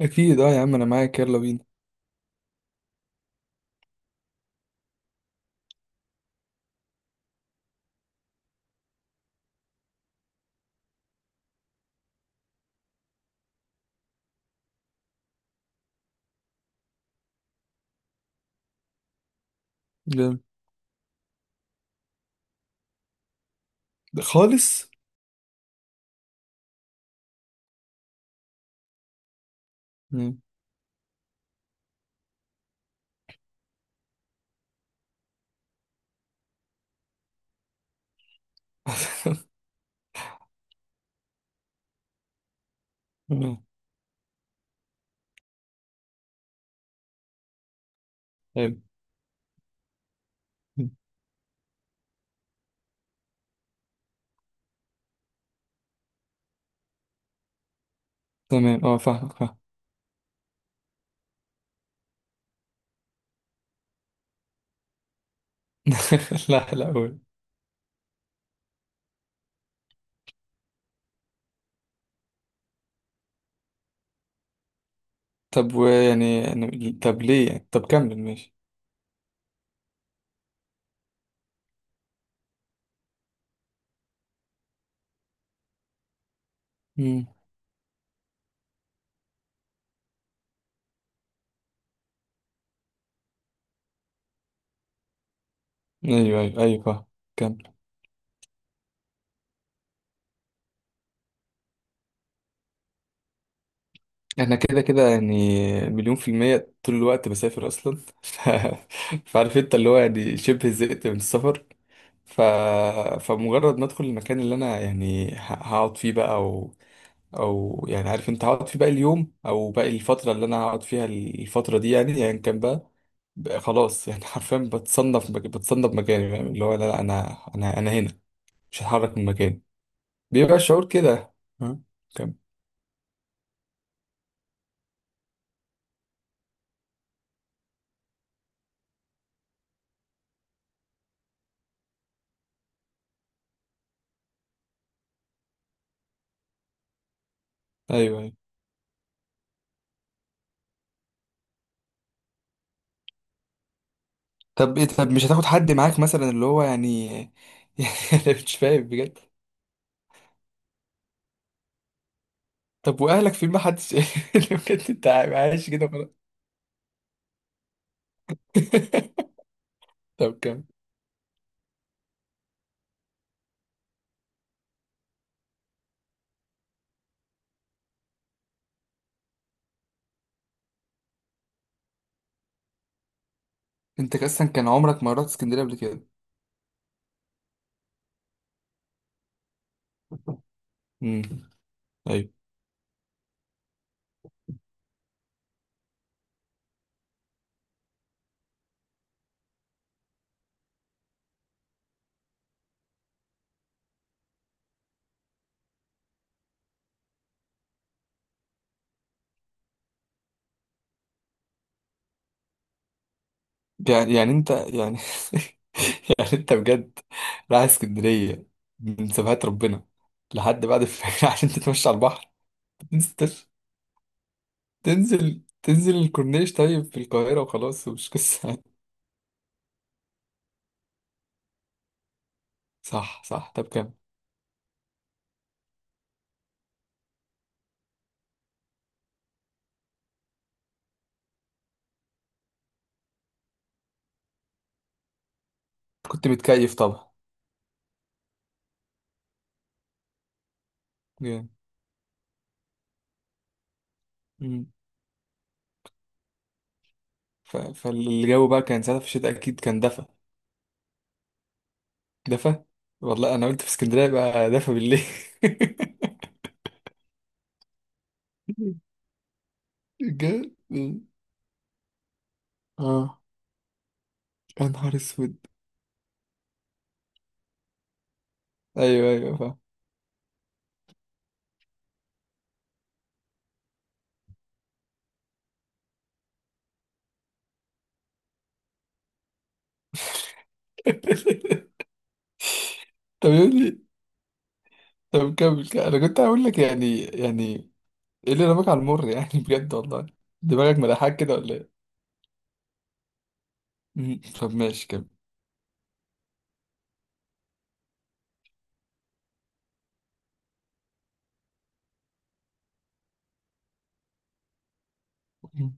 اكيد اه يا عم، انا معاك، يلا بينا. جامد. خالص. مم. حلو. تمام اه فاهم فاهم. لا لا، قول. طب ويعني طب ليه يعني؟ طب كمل، ماشي. مم. ايوه ايوه ايوه، فاهم. كمل. انا كده كده يعني، 1,000,000% طول الوقت بسافر اصلا. ف... فعارف انت، اللي هو يعني شبه زهقت من السفر. ف... فمجرد ما ادخل المكان اللي انا يعني هقعد فيه بقى، او يعني عارف انت هقعد في باقي اليوم او باقي الفتره اللي انا هقعد فيها الفتره دي يعني، ايا يعني كان بقى، بقى خلاص يعني. حرفيا بتصنف مكاني، فاهم، اللي هو لا لا، انا هنا، مش هتحرك من مكاني، بيبقى الشعور كده. ها. كم. ايوه ايوه. طب ايه، طب مش هتاخد حد معاك مثلا، اللي هو يعني يعني، انا مش فاهم بجد. طب واهلك في، ما حدش؟ بجد انت عايش كده خلاص؟ طب، كم. انت اصلا كان عمرك ما رحت اسكندريه قبل كده؟ امم. أيوه. يعني يعني انت يعني، يعني انت بجد رايح اسكندريه من سبهات ربنا لحد بعد الفجر عشان تتمشى على البحر؟ تنزل تش- تنزل الكورنيش طيب في القاهره وخلاص، ومش قصه يعني. صح صح، طب كام. كنت متكيف طبعا؟ جامد. مم. فالجو بقى كان ساعتها في الشتاء، اكيد كان دفى. دفى. والله انا قلت في اسكندريه بقى دفى بالليل. بجد؟ اه، يا نهار اسود! ايوه ايوه فاهم. طب يعني، طب كمل كمل. انا كنت هقول لك يعني، يعني ايه اللي رماك على المر يعني؟ بجد والله، دماغك ملاحاك كده ولا ايه؟ مم. طب ماشي، كمل. مم.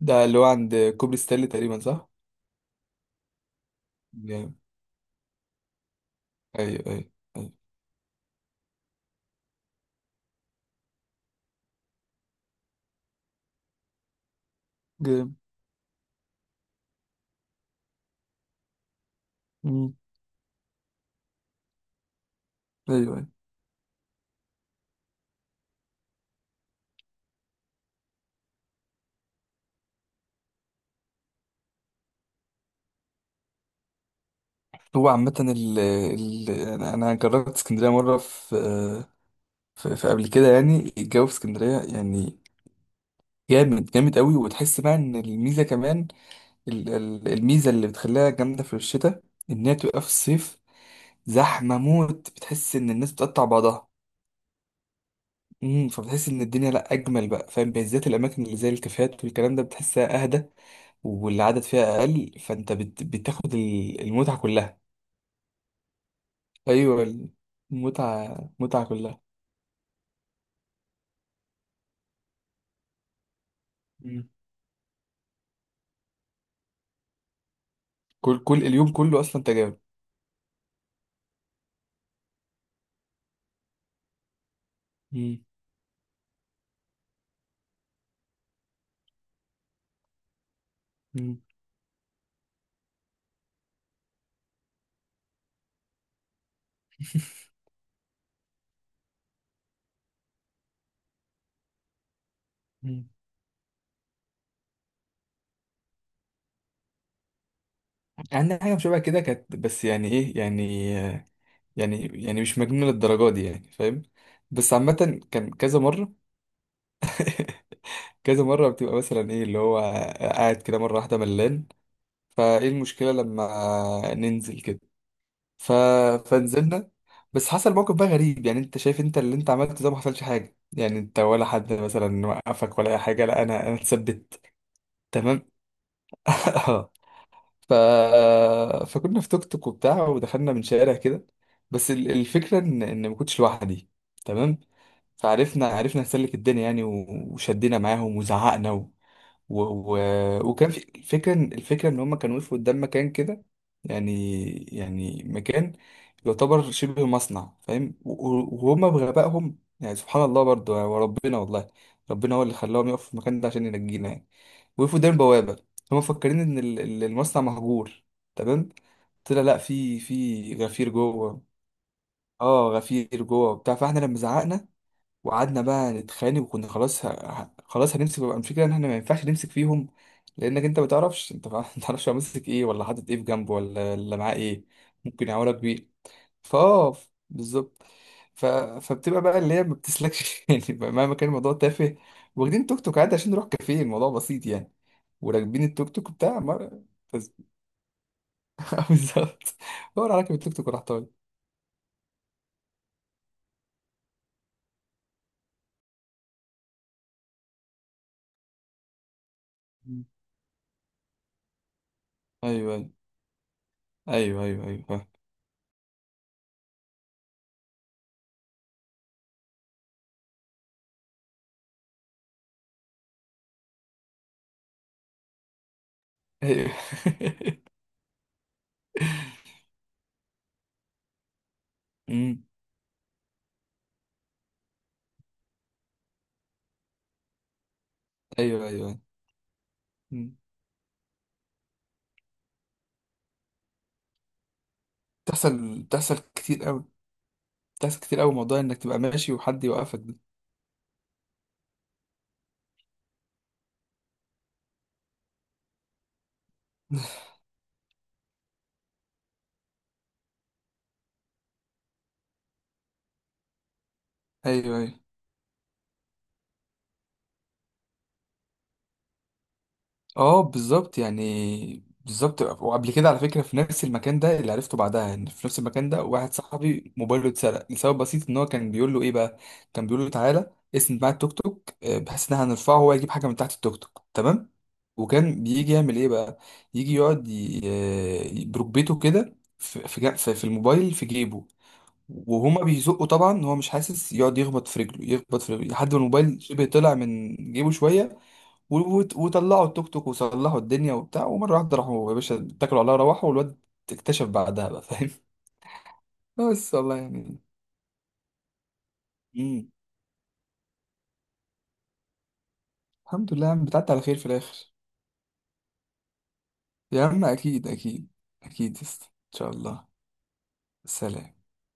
ده اللي هو عند كوبري ستانلي تقريبا، صح؟ جامد. ايوه ايوه ايوه، جامد. مم. ايوه ايوه. هو عامة ال ال انا جربت اسكندرية مرة في قبل كده، يعني الجو في اسكندرية يعني جامد جامد قوي، وتحس بقى ان الميزة كمان، الميزة اللي بتخليها جامدة في الشتاء ان هي تبقى في الصيف زحمة موت، بتحس إن الناس بتقطع بعضها. امم. فبتحس إن الدنيا لأ أجمل بقى، فاهم، بالذات الأماكن اللي زي الكافيهات والكلام ده بتحسها أهدى والعدد فيها أقل، فأنت بتاخد المتعة كلها. أيوة. المتعة متعة كلها. مم. كل كل اليوم كله أصلا تجارب. مم. مم. مم. عندنا حاجة شبه كده كانت، بس يعني إيه يعني، يعني يعني مش مجنونة للدرجة دي يعني، فاهم. بس عامة كان كذا مرة. كذا مرة بتبقى مثلا ايه اللي هو، قاعد كده مرة واحدة ملان، فايه المشكلة لما ننزل كده؟ ف... فنزلنا. بس حصل موقف بقى غريب، يعني انت شايف انت اللي انت عملته ده ما حصلش حاجة؟ يعني انت ولا حد مثلا وقفك ولا اي حاجة؟ لا، انا اتثبت. تمام. ف... فكنا في توك توك وبتاع، ودخلنا من شارع كده. بس الفكرة ان ما كنتش لوحدي. تمام. فعرفنا نسلك الدنيا يعني، وشدينا معاهم وزعقنا و... و... وكان في الفكرة إن هما كانوا وقفوا قدام مكان كده، يعني يعني مكان يعتبر شبه مصنع، فاهم، وهما بغبائهم يعني سبحان الله برضو، وربنا والله ربنا هو اللي خلاهم يقفوا في المكان ده عشان ينجينا يعني. وقفوا قدام بوابة، هما مفكرين إن المصنع مهجور. تمام. طلع لأ، في غفير جوه. اه، غفير جوه وبتاع، فاحنا لما زعقنا وقعدنا بقى نتخانق، وكنا خلاص خلاص هنمسك بقى، الفكره ان احنا ما ينفعش نمسك فيهم، لانك انت ما تعرفش، انت ما تعرفش هو ماسك ايه ولا حاطط ايه في جنبه، ولا معاه ايه، ممكن يعورك بيه. فاه، بالظبط. فبتبقى بقى اللي هي ما بتسلكش يعني، بقى مهما كان الموضوع تافه، واخدين توك توك عادي عشان نروح كافيه، الموضوع بسيط يعني، وراكبين التوك توك بتاع. بس- بالظبط. هو أنا راكب التوك توك وراح طالع. ايوه ايوه ايوه ايوه ايوه، فاهم. أيوة. مم. ايوه ايوه أيوة. مم. بتحصل كتير قوي، بتحصل كتير قوي موضوع انك تبقى ماشي وحد يوقفك ده. ايوه ايوه. اه بالظبط يعني، بالظبط. وقبل كده على فكره، في نفس المكان ده اللي عرفته بعدها ان في نفس المكان ده واحد صاحبي موبايله اتسرق لسبب بسيط، ان هو كان بيقول له ايه بقى، كان بيقول له تعالى اسند معايا التوك توك، بحيث ان احنا هنرفعه وهو يجيب حاجه من تحت التوك توك. تمام. وكان بيجي يعمل ايه بقى، يجي يقعد بركبته كده في الموبايل في جيبه. وهما بيزقوا طبعا، هو مش حاسس، يقعد يخبط في رجله يخبط في رجله لحد ما الموبايل شبه طلع من جيبه شويه، وطلعوا التوك توك وصلحوا الدنيا وبتاع، ومره واحده راحوا يا باشا، اتكلوا عليها روحوا، والواد اكتشف بعدها بقى، فاهم. بس والله يعني. مم. الحمد لله يا عم، بتعدي على خير في الاخر. يا عم اكيد اكيد. اكيد يسطا. ان شاء الله. سلام